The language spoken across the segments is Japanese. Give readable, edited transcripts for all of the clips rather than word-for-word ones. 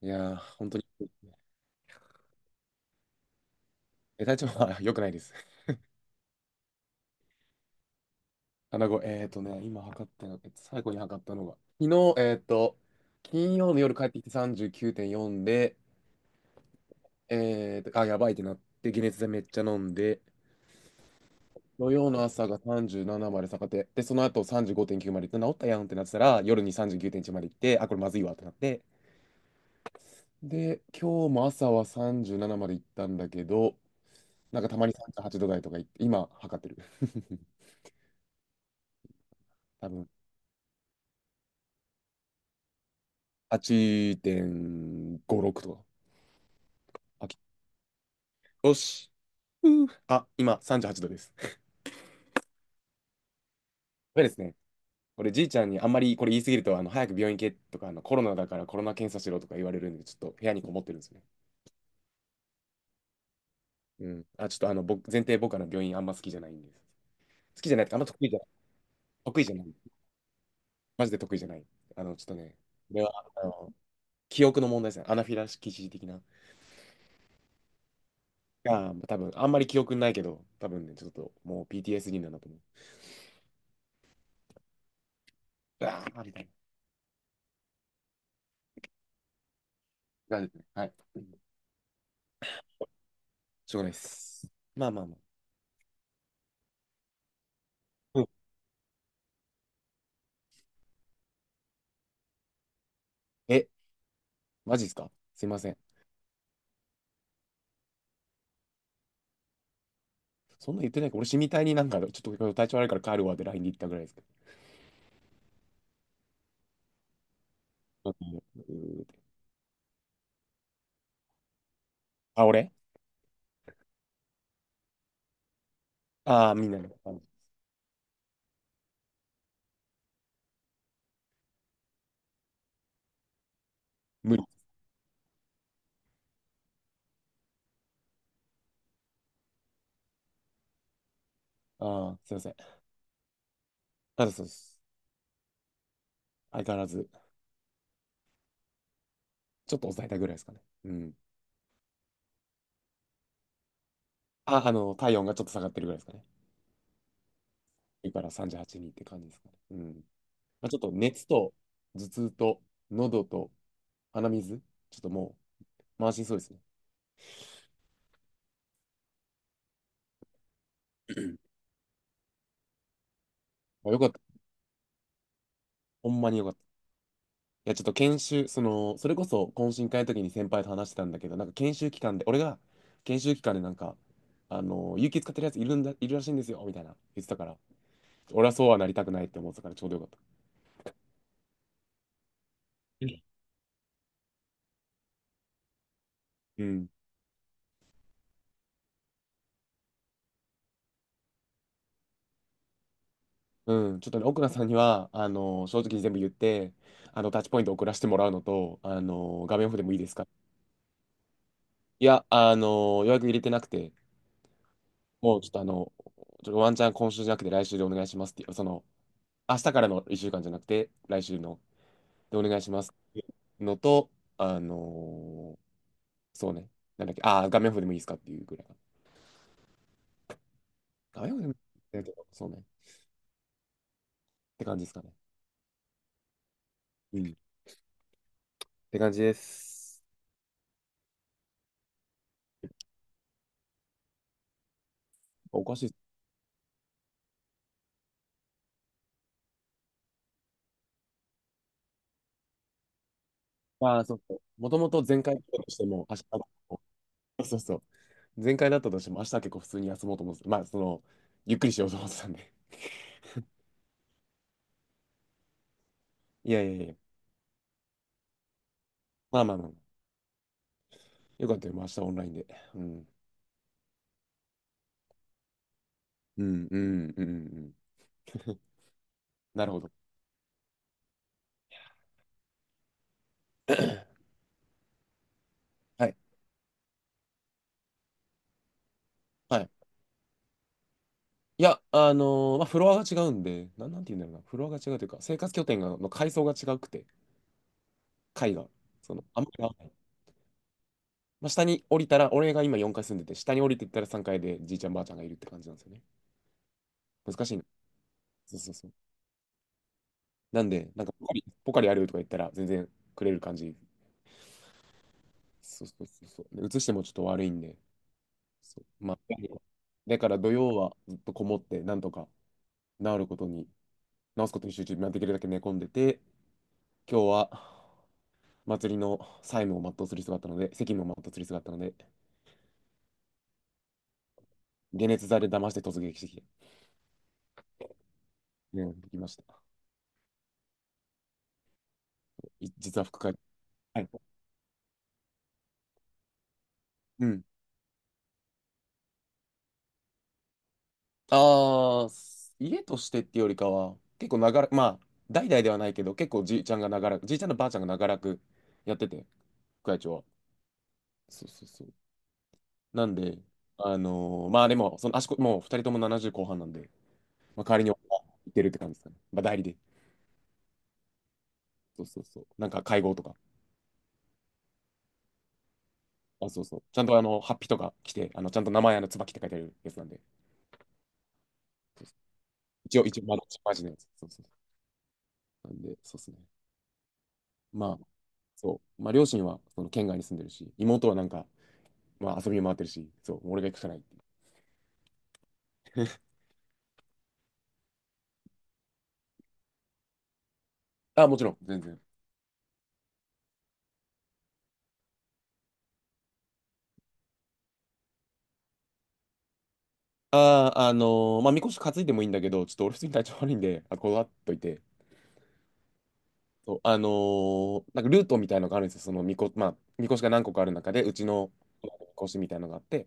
いやー、本当に。え、体調は 良くないです。穴子、今測ったの、最後に測ったのが、昨日、金曜の夜帰ってきて39.4で、あ、やばいってなって、解熱剤めっちゃ飲んで、土曜の朝が37まで下がって、で、その後35.9まで行って、治ったやんってなってたら、夜に39.1まで行って、あ、これまずいわってなって、で、今日も朝は37まで行ったんだけど、なんかたまに38度台とか行って、今測ってる。多分8.56とか。あきよし。うーあ、今38度です。やれですね。これじいちゃんにあんまりこれ言い過ぎると、早く病院行けとか、コロナだからコロナ検査しろとか言われるんで、ちょっと部屋にこもってるんですね。うん。あ、ちょっと僕、前提僕は病院あんま好きじゃないんです。好きじゃないとか、あんま得意じゃない。得意じゃない。マジで得意じゃない。ちょっとね、これは、記憶の問題ですね。アナフィラキシー的な。あ多分、あんまり記憶ないけど、多分ね、ちょっともう PTSD なんだと思う。ああ、みたいな。感じですね、はい。しょうがないです。まあまあまあ。うん、え、マジですか、すいません。そんな言ってないか、俺、死みたいになんか、ちょっと今日体調悪いから帰るわって LINE で言ったぐらいですけど。うん、あ、俺、ああー、みんなの。無理。ああ、すいません。あ、そうです。相変わらず、ちょっと抑えたぐらいですかね。うん。あ、体温がちょっと下がってるぐらいですかね。だから38人って感じですかね。うん。まあ、ちょっと熱と、頭痛と、喉と、鼻水、ちょっともう、満身そうですね。まあよかった。ほんまによかった。いや、ちょっと研修、その、それこそ懇親会の時に先輩と話してたんだけど、なんか研修期間で、俺が研修期間でなんか、有給使ってるやついるんだ、いるらしいんですよ、みたいな言ってたから、俺はそうはなりたくないって思ってたからちょうどよかった。うんうん。うん、ちょっとね、奥野さんには、正直に全部言って、タッチポイント送らせてもらうのと、画面オフでもいいですか。いや、予約入れてなくて、もうちょっとちょっとワンチャン今週じゃなくて来週でお願いしますっていう、その、明日からの1週間じゃなくて、来週のでお願いしますっていうのと、あのーそうね、なんだっけ、ああ、画面オフでもいいですかっていうぐらいかな。画面オフでもいいけど、そうね、って感じですかね。うん。って感じです。おかしい。ああ、そうそう。もともと前回だったとしても、明日、そうそうそう。前回だったとしても、明日は結構普通に休もうと思ってた。まあ、その、ゆっくりしようと思ってたんで。いやいやいや、まあまあまあ。よかったよ、明日オンラインで。うん。うんうんうんうんうん。なるほど。はい。はい。いや、まあ、フロアが違うんで、なんて言うんだろうな、フロアが違うというか、生活拠点がの階層が違くて、階が、その、あんまり合わない。まあ、下に降りたら、俺が今4階住んでて、下に降りていったら3階でじいちゃんばあちゃんがいるって感じなんですよね。難しいな。そうそうそう。なんで、なんかポカリあるとか言ったら、全然くれる感じ。そうそうそうそう。で、移してもちょっと悪いんで、そう。まあ、だから土曜はずっとこもって、なんとか治ることに、治すことに集中、まあできるだけ寝込んでて、今日は、祭りの債務を全うする必要があったので、責務を全うする必要があったので、解熱剤で騙して突撃してきて、うん、できました。い実は副会、はい、うん。ああ、家としてっていうよりかは、結構長らく、まあ、代々ではないけど、結構じいちゃんが長らく、じいちゃんのばあちゃんが長らくやってて、副会長は。そうそうそう。なんで、まあでも、その足こ、もう二人とも70後半なんで、まあ、代わりに行ってるって感じですかね。まあ代理で。そうそうそう。なんか会合とか。あ、そうそう。ちゃんとハッピーとか来て、ちゃんと名前、椿って書いてあるやつなんで。一応、まあ、マジのやつ。そうそう。なんで、そうですね。まあ、そう。まあ、両親は、その、県外に住んでるし、妹はなんか、まあ、遊び回ってるし、そう、俺が行くしかないっていう。あ、もちろん、全然。ああ、まあ、みこし担いでもいいんだけど、ちょっと俺普通に体調悪いんで、あ、こだわっといて。そう、なんかルートみたいのがあるんですよ。そのみこ、まあ、みこしが何個かある中で、うちの、みこしみたいのがあって、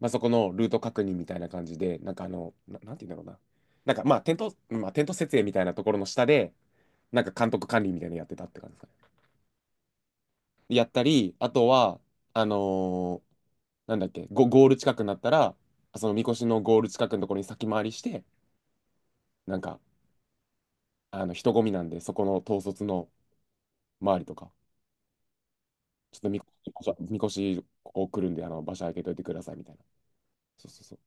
まあ、そこのルート確認みたいな感じで、なんかなんて言うんだろうな。なんかまあ、テント、まあ、テント設営みたいなところの下で、なんか監督管理みたいなのやってたって感じですかね。やったり、あとは、あのーなんだっけ、ゴール近くになったら、そのみこしのゴール近くのところに先回りして、なんか、人混みなんで、そこの統率の周りとか、ちょっとみこし、ここ来るんで、場所空けといてくださいみたいな。そうそうそう。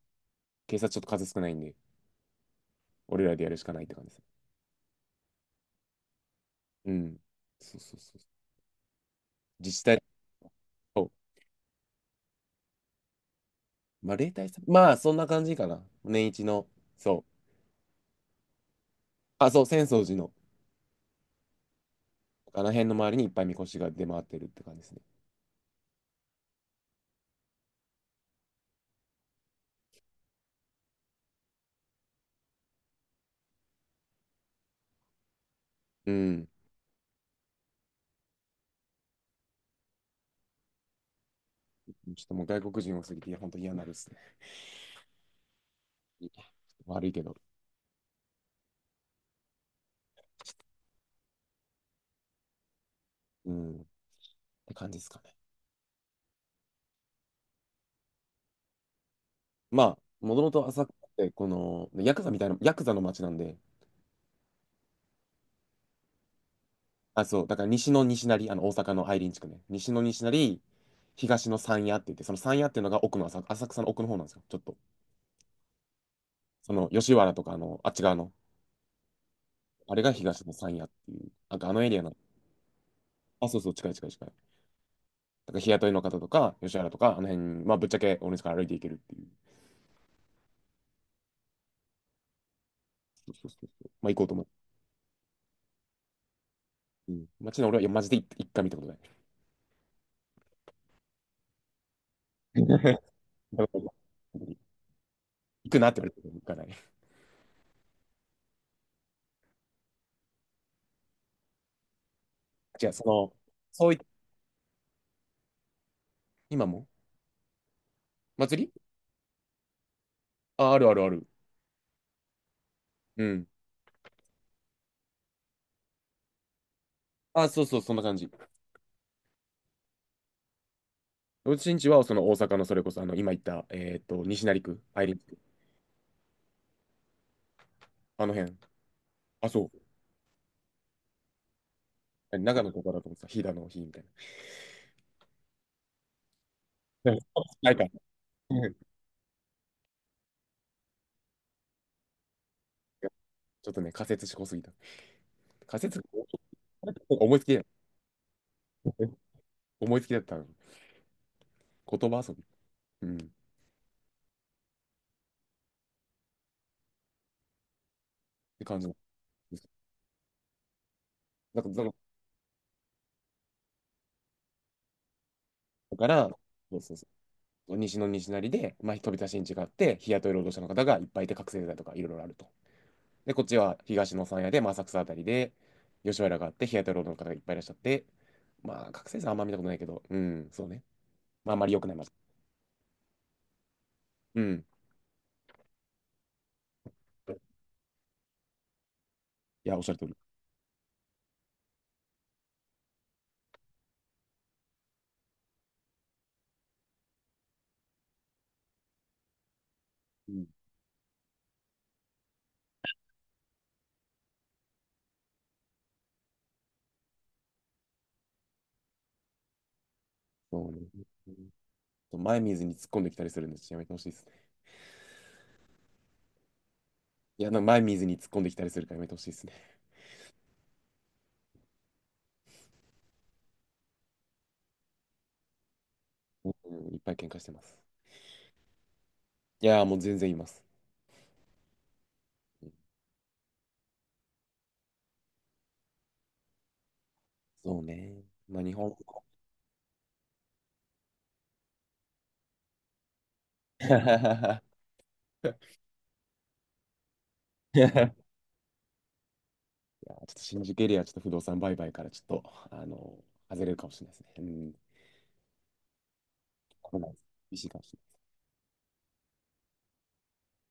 警察ちょっと数少ないんで、俺らでやるしかないって感じです。うん。そうそうそう。自治体と、まあ、例大さん、まあ、そんな感じかな。年一の、そう。あ、そう、浅草寺の、あの辺の周りにいっぱいみこしが出回ってるって感じですね。うん。ちょっともう外国人多すぎて、いや本当嫌になるですね。悪いけど。うん。って感じですかね。まあ、もともと浅草って、この、ヤクザみたいな、ヤクザの街なんで、あ、そう、だから西の西成、大阪の愛林地区ね。西の西成、東の山谷って言って、その山谷っていうのが奥の浅、浅草の奥の方なんですよ。ちょっと。その、吉原とか、あっち側の、あれが東野さんやっていう。なんかあのエリアなの。あ、そうそう、近い近い近い。だから日雇いの方とか、吉原とか、あの辺、まあ、ぶっちゃけ俺の家から歩いていけるっていう。そうそうそうそう。まあ、行こうと思う。うん。街の俺は、いや、マジで一回見たことない。だから行くなって言われても行かない。違うその、そうい、今も祭り、あ、あるあるある。うん。あ、そうそう、そんな感じ。うちんちは、その大阪のそれこそ、今言った、西成区、愛林区、あの辺。あ、そう。長野とかだと思ってた、飛騨の日みたいな。ないか。ちょっとね、仮説しこすぎた。仮説、思いつきだよ。思いつきだったの。言葉遊び。うん。って感じです。だからそうそうそう西の西成で、まあ、飛び出しに違って、日雇い労働者の方がいっぱいいて、覚醒剤とかいろいろあると。で、こっちは東の山屋で、まあ、浅草あたりで、吉原があって、日雇い労働の方がいっぱいいらっしゃって、まあ、覚醒剤あんま見たことないけど、うん、そうね。まあ、あんまり良くない街。うん。いや、おっしゃる通り。うん、そうね。前水に突っ込んできたりするんで、ちっやめてほしいです。いや、なんか前見ずに突っ込んできたりするからやめてほしいですね。うん、うん、いっぱい喧嘩してます。いやー、もう全然います。そうね。まあ、日本。いやー、ちょっと新宿エリア、ちょっと不動産売買から、ちょっと、外れるかもしれないですね。うん。危ないです、厳しいかもしれない。